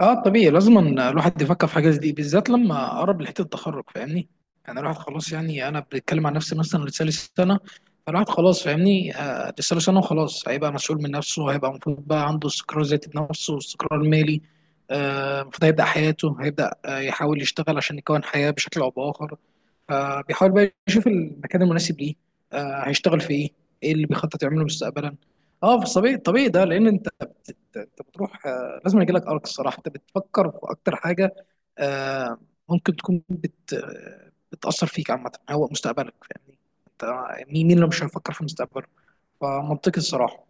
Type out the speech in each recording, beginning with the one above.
اه طبيعي، لازم أن الواحد يفكر في حاجه زي دي، بالذات لما قرب لحته التخرج. فاهمني؟ يعني الواحد خلاص، يعني انا بتكلم عن نفسي مثلا، لسه لي سنه. فالواحد خلاص، فاهمني؟ لسه له سنه، وخلاص هيبقى مسؤول من نفسه، هيبقى المفروض بقى عنده استقرار ذاتي بنفسه واستقرار مالي. المفروض هيبدا حياته، هيبدا يحاول يشتغل عشان يكون حياه بشكل او باخر. فبيحاول بقى يشوف المكان المناسب ليه. هيشتغل في ايه، ايه اللي بيخطط يعمله مستقبلا. اه في الطبيعي، الطبيعي ده لان انت بتروح، لازم يجي لك ارك. الصراحه انت بتفكر في اكتر حاجه، آه، ممكن تكون بتاثر فيك عامه، هو مستقبلك. فاهمني؟ انت، مين اللي مش هيفكر في مستقبله؟ فمنطقي الصراحه.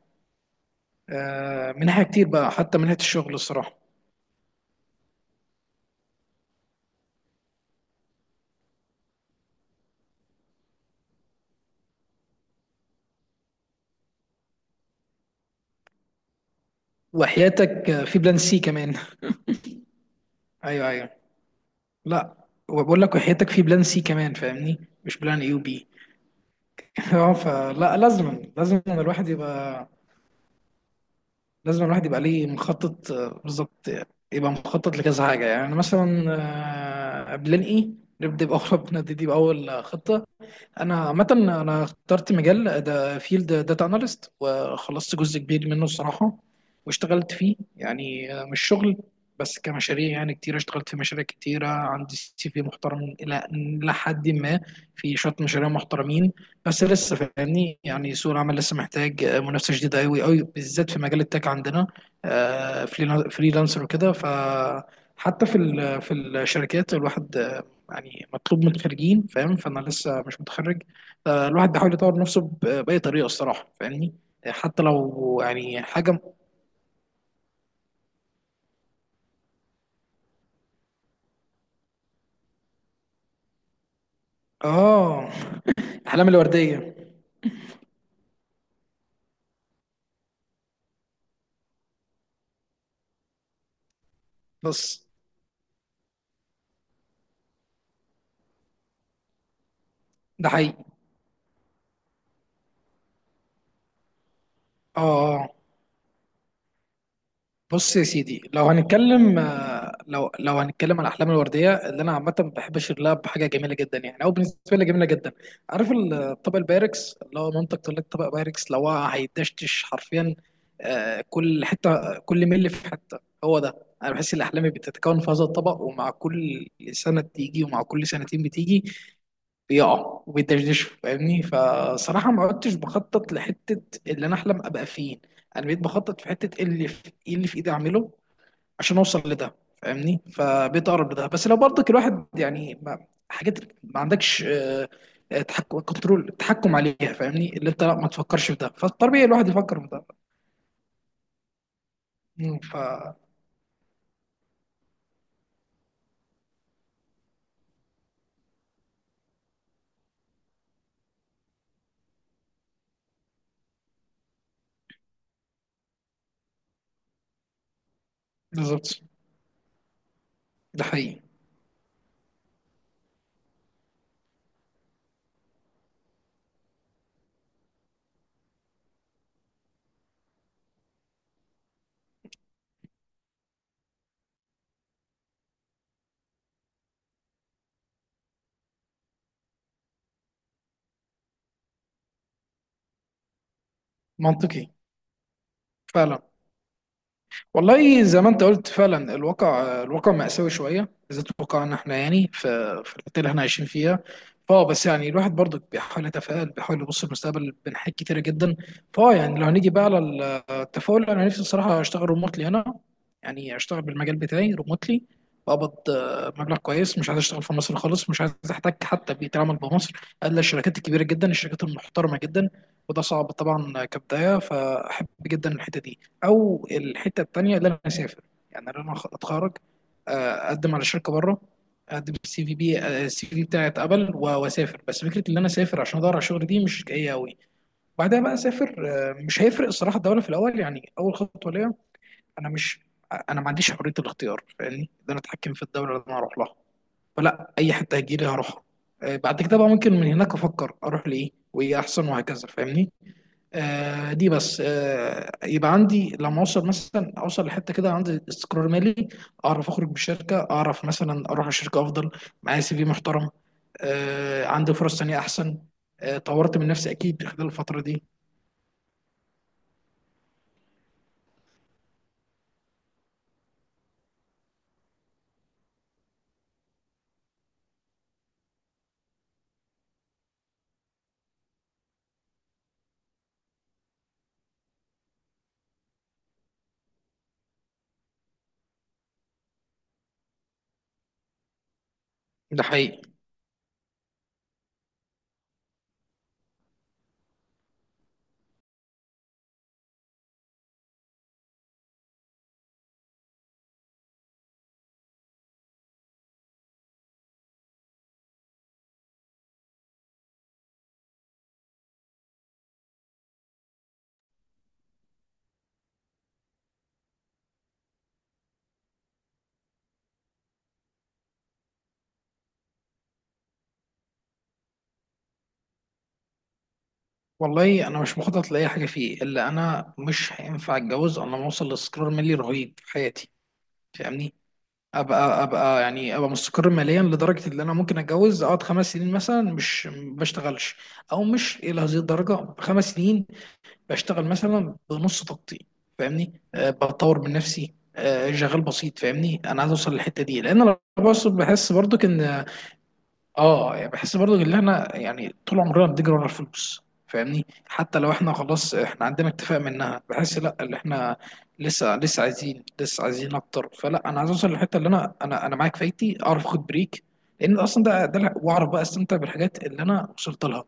من ناحيه كتير بقى، حتى من ناحيه الشغل الصراحه. وحياتك في بلان سي كمان. ايوه ايوه. لا، وبقول لك وحياتك في بلان سي كمان، فاهمني؟ مش بلان اي وبي. اه فلا لازم لازم الواحد يبقى، لازم الواحد يبقى ليه مخطط، بالظبط. يبقى مخطط لكذا حاجة، يعني مثلا بلان ايه. نبدأ بأول نبتدي بأول خطة. انا عامه انا اخترت مجال ده، فيلد داتا اناليست، وخلصت جزء كبير منه الصراحه. واشتغلت فيه، يعني مش شغل بس كمشاريع، يعني كتير اشتغلت في مشاريع كتيرة. عندي سي في محترم إلى حد ما، في شوية مشاريع محترمين. بس لسه فاهمني، يعني سوق العمل لسه محتاج منافسة شديدة أوي أوي بالذات في مجال التك عندنا. آه، فريلانسر وكده، فحتى في الشركات الواحد، يعني مطلوب من الخريجين، فاهم؟ فانا لسه مش متخرج. فالواحد بيحاول يطور نفسه باي طريقه الصراحه، فاهمني؟ حتى لو يعني حاجه اه الاحلام الورديه. بس ده حقيقي. اه آه. بص يا سيدي، لو هنتكلم، لو هنتكلم على الاحلام الورديه، اللي انا عامه بحب اشير لها بحاجه جميله جدا، يعني او بالنسبه لي جميله جدا. عارف الطبق البايركس اللي هو مامتك تقول لك طبق بايركس، لو هو هيدشتش حرفيا، كل حته، كل ملي في حته، هو ده. انا بحس ان احلامي بتتكون في هذا الطبق، ومع كل سنه بتيجي، ومع كل سنتين بتيجي، بيقع وبيدشدشوا، فاهمني؟ فصراحة ما عدتش بخطط لحتة اللي أنا أحلم أبقى فين. أنا بقيت بخطط في حتة إيه اللي في إيدي أعمله عشان أوصل لده، فاهمني؟ فبقيت أقرب لده. بس لو برضك الواحد، يعني ما حاجات ما عندكش تحكم، كنترول، تحكم عليها، فاهمني؟ اللي أنت لا ما تفكرش في ده، فالطبيعي الواحد يفكر في ده. مم، ف بالظبط، ده حقيقي. منطقي فعلا. والله زي ما انت قلت فعلا، الواقع، الواقع مأساوي شويه، بالذات واقعنا احنا، يعني في الحته اللي احنا عايشين فيها. بس يعني الواحد برضه بيحاول يتفائل، بيحاول يبص للمستقبل بين حاجات كتيره جدا. يعني لو هنيجي بقى على التفاؤل، انا نفسي الصراحه اشتغل ريموتلي هنا. يعني اشتغل بالمجال بتاعي ريموتلي، بقبض مبلغ كويس. مش عايز اشتغل في مصر خالص، مش عايز احتاج حتى بيئه العمل بمصر الا الشركات الكبيره جدا، الشركات المحترمه جدا. وده صعب طبعا كبدايه، فاحب جدا الحته دي، او الحته التانيه اللي انا اسافر. يعني انا اتخرج، آه، اقدم على شركه بره. اقدم السي في بي، السي في بتاعي اتقبل واسافر. بس فكره ان انا اسافر عشان ادور على شغل دي مش جايه قوي. بعدها بقى اسافر، مش هيفرق الصراحه الدوله في الاول. يعني اول خطوه ليا، انا مش انا ما عنديش حريه الاختيار، فاهمني؟ ان انا اتحكم في الدوله اللي انا هروح لها. فلا، اي حته هتجيلي هروحها. بعد كده بقى ممكن من هناك افكر اروح لايه، وايه احسن، وهكذا، فاهمني؟ دي بس يبقى عندي لما اوصل، مثلا اوصل لحته كده عندي استقرار مالي، اعرف اخرج من الشركه، اعرف مثلا اروح الشركه افضل. معايا سي في محترم، عندي فرص تانية احسن، طورت من نفسي اكيد خلال الفتره دي. ده حقيقي. والله انا مش مخطط لاي حاجه فيه، الا انا مش هينفع اتجوز الا لما اوصل لاستقرار مالي رهيب في حياتي، فاهمني؟ ابقى يعني ابقى مستقر ماليا لدرجه ان انا ممكن اتجوز، اقعد 5 سنين مثلا مش ما بشتغلش، او مش الى هذه الدرجه 5 سنين، بشتغل مثلا بنص طاقتي، فاهمني؟ بطور من نفسي، شغال بسيط، فاهمني؟ انا عايز اوصل للحته دي، لان انا بحس برضو ان، اه يعني بحس برضو ان احنا، يعني طول عمرنا بنجري ورا الفلوس، فاهمني؟ حتى لو احنا خلاص احنا عندنا اكتفاء منها، بحس لا، اللي احنا لسه عايزين، لسه عايزين اكتر. فلا انا عايز اوصل للحته اللي انا معاك فايتي اعرف اخد بريك، لان اصلا ده واعرف بقى استمتع بالحاجات اللي انا وصلت لها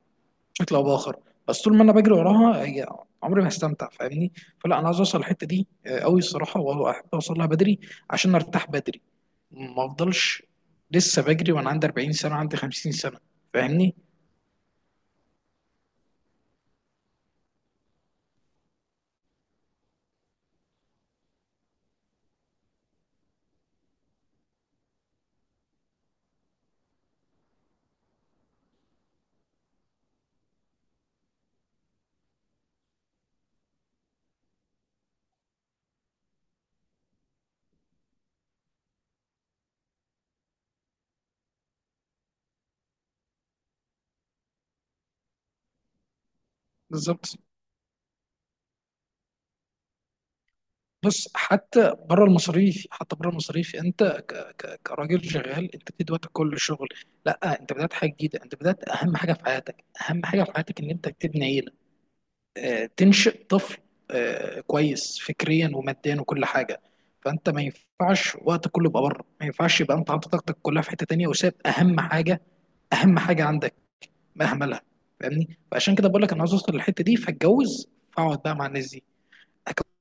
بشكل او باخر. بس طول ما انا بجري وراها هي، عمري ما هستمتع، فاهمني؟ فلا انا عايز اوصل الحته دي قوي الصراحه، واحب اوصل لها بدري عشان ارتاح بدري، ما افضلش لسه بجري وانا عندي 40 سنه، عندي 50 سنه، فاهمني؟ بالظبط. بص، حتى بره المصاريف، حتى بره المصاريف، انت ك ك كراجل شغال، انت بتدي وقتك كل الشغل. لا، انت بدات حاجه جديده، انت بدات اهم حاجه في حياتك، اهم حاجه في حياتك ان انت تبني، تنشئ طفل كويس فكريا وماديا وكل حاجه. فانت ما ينفعش وقت كله يبقى بره، ما ينفعش يبقى انت حاطط طاقتك كلها في حته تانيه، وساب اهم حاجه، اهم حاجه عندك، مهملها، فاهمني؟ فعشان كده بقول لك انا عاوز اوصل للحته دي، فاتجوز فاقعد بقى مع الناس دي،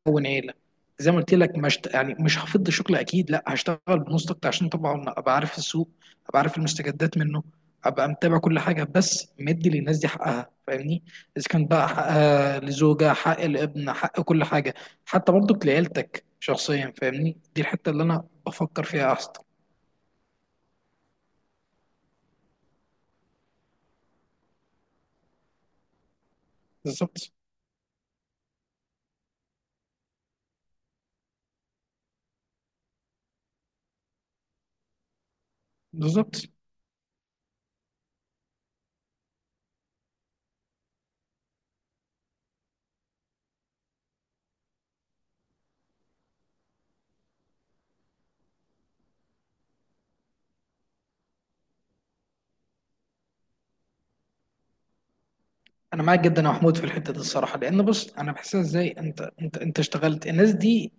اكون عيله. زي ما قلت لك، مش يعني مش هفض شغل اكيد، لا هشتغل بنص طاقتي عشان طبعا ابقى عارف السوق، ابقى عارف المستجدات منه، ابقى متابع كل حاجه، بس مدي للناس دي حقها، فاهمني؟ اذا كان بقى حقها لزوجه، حق الابن، حق كل حاجه، حتى برضك لعيلتك شخصيا، فاهمني؟ دي الحته اللي انا بفكر فيها احسن. بالظبط بالظبط. انا معاك جدا يا محمود في الحته دي الصراحه، لان بص انا بحسها ازاي. انت اشتغلت، الناس دي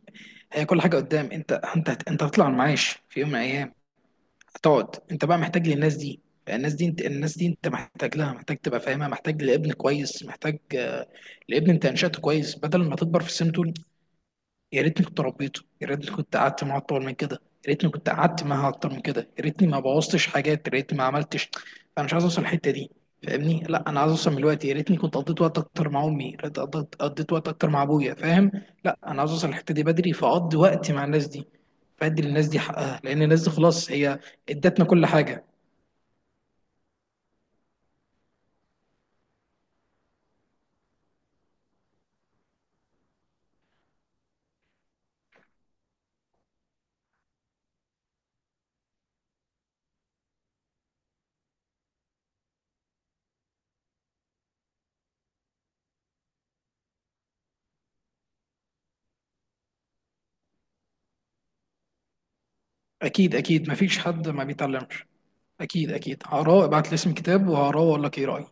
هي كل حاجه قدام. انت هتطلع المعاش في يوم من الايام، هتقعد انت بقى محتاج للناس دي. الناس دي انت، الناس دي انت محتاج لها، محتاج تبقى فاهمها، محتاج لابن كويس، محتاج لابن انت انشأته كويس، بدل ما تكبر في السن تقول: يا ريتني كنت ربيته، يا ريتني كنت قعدت معاه اطول من كده، يا ريتني كنت قعدت معاها اكتر من كده، يا ريتني ما بوظتش حاجات، يا ريتني ما عملتش. انا مش عايز اوصل الحته دي، فاهمني؟ لا، انا عايز اوصل من الوقت، يا ريتني كنت قضيت وقت اكتر مع امي، يا ريت قضيت وقت اكتر مع ابويا، فاهم؟ لا، انا عايز اوصل الحته دي بدري، فاقضي وقت مع الناس دي، فادي للناس دي حقها، لان الناس دي خلاص هي ادتنا كل حاجه. اكيد اكيد، مفيش حد ما بيتعلمش. اكيد اكيد هقراه، ابعت لي اسم كتاب وهقراه واقول لك ايه رايي.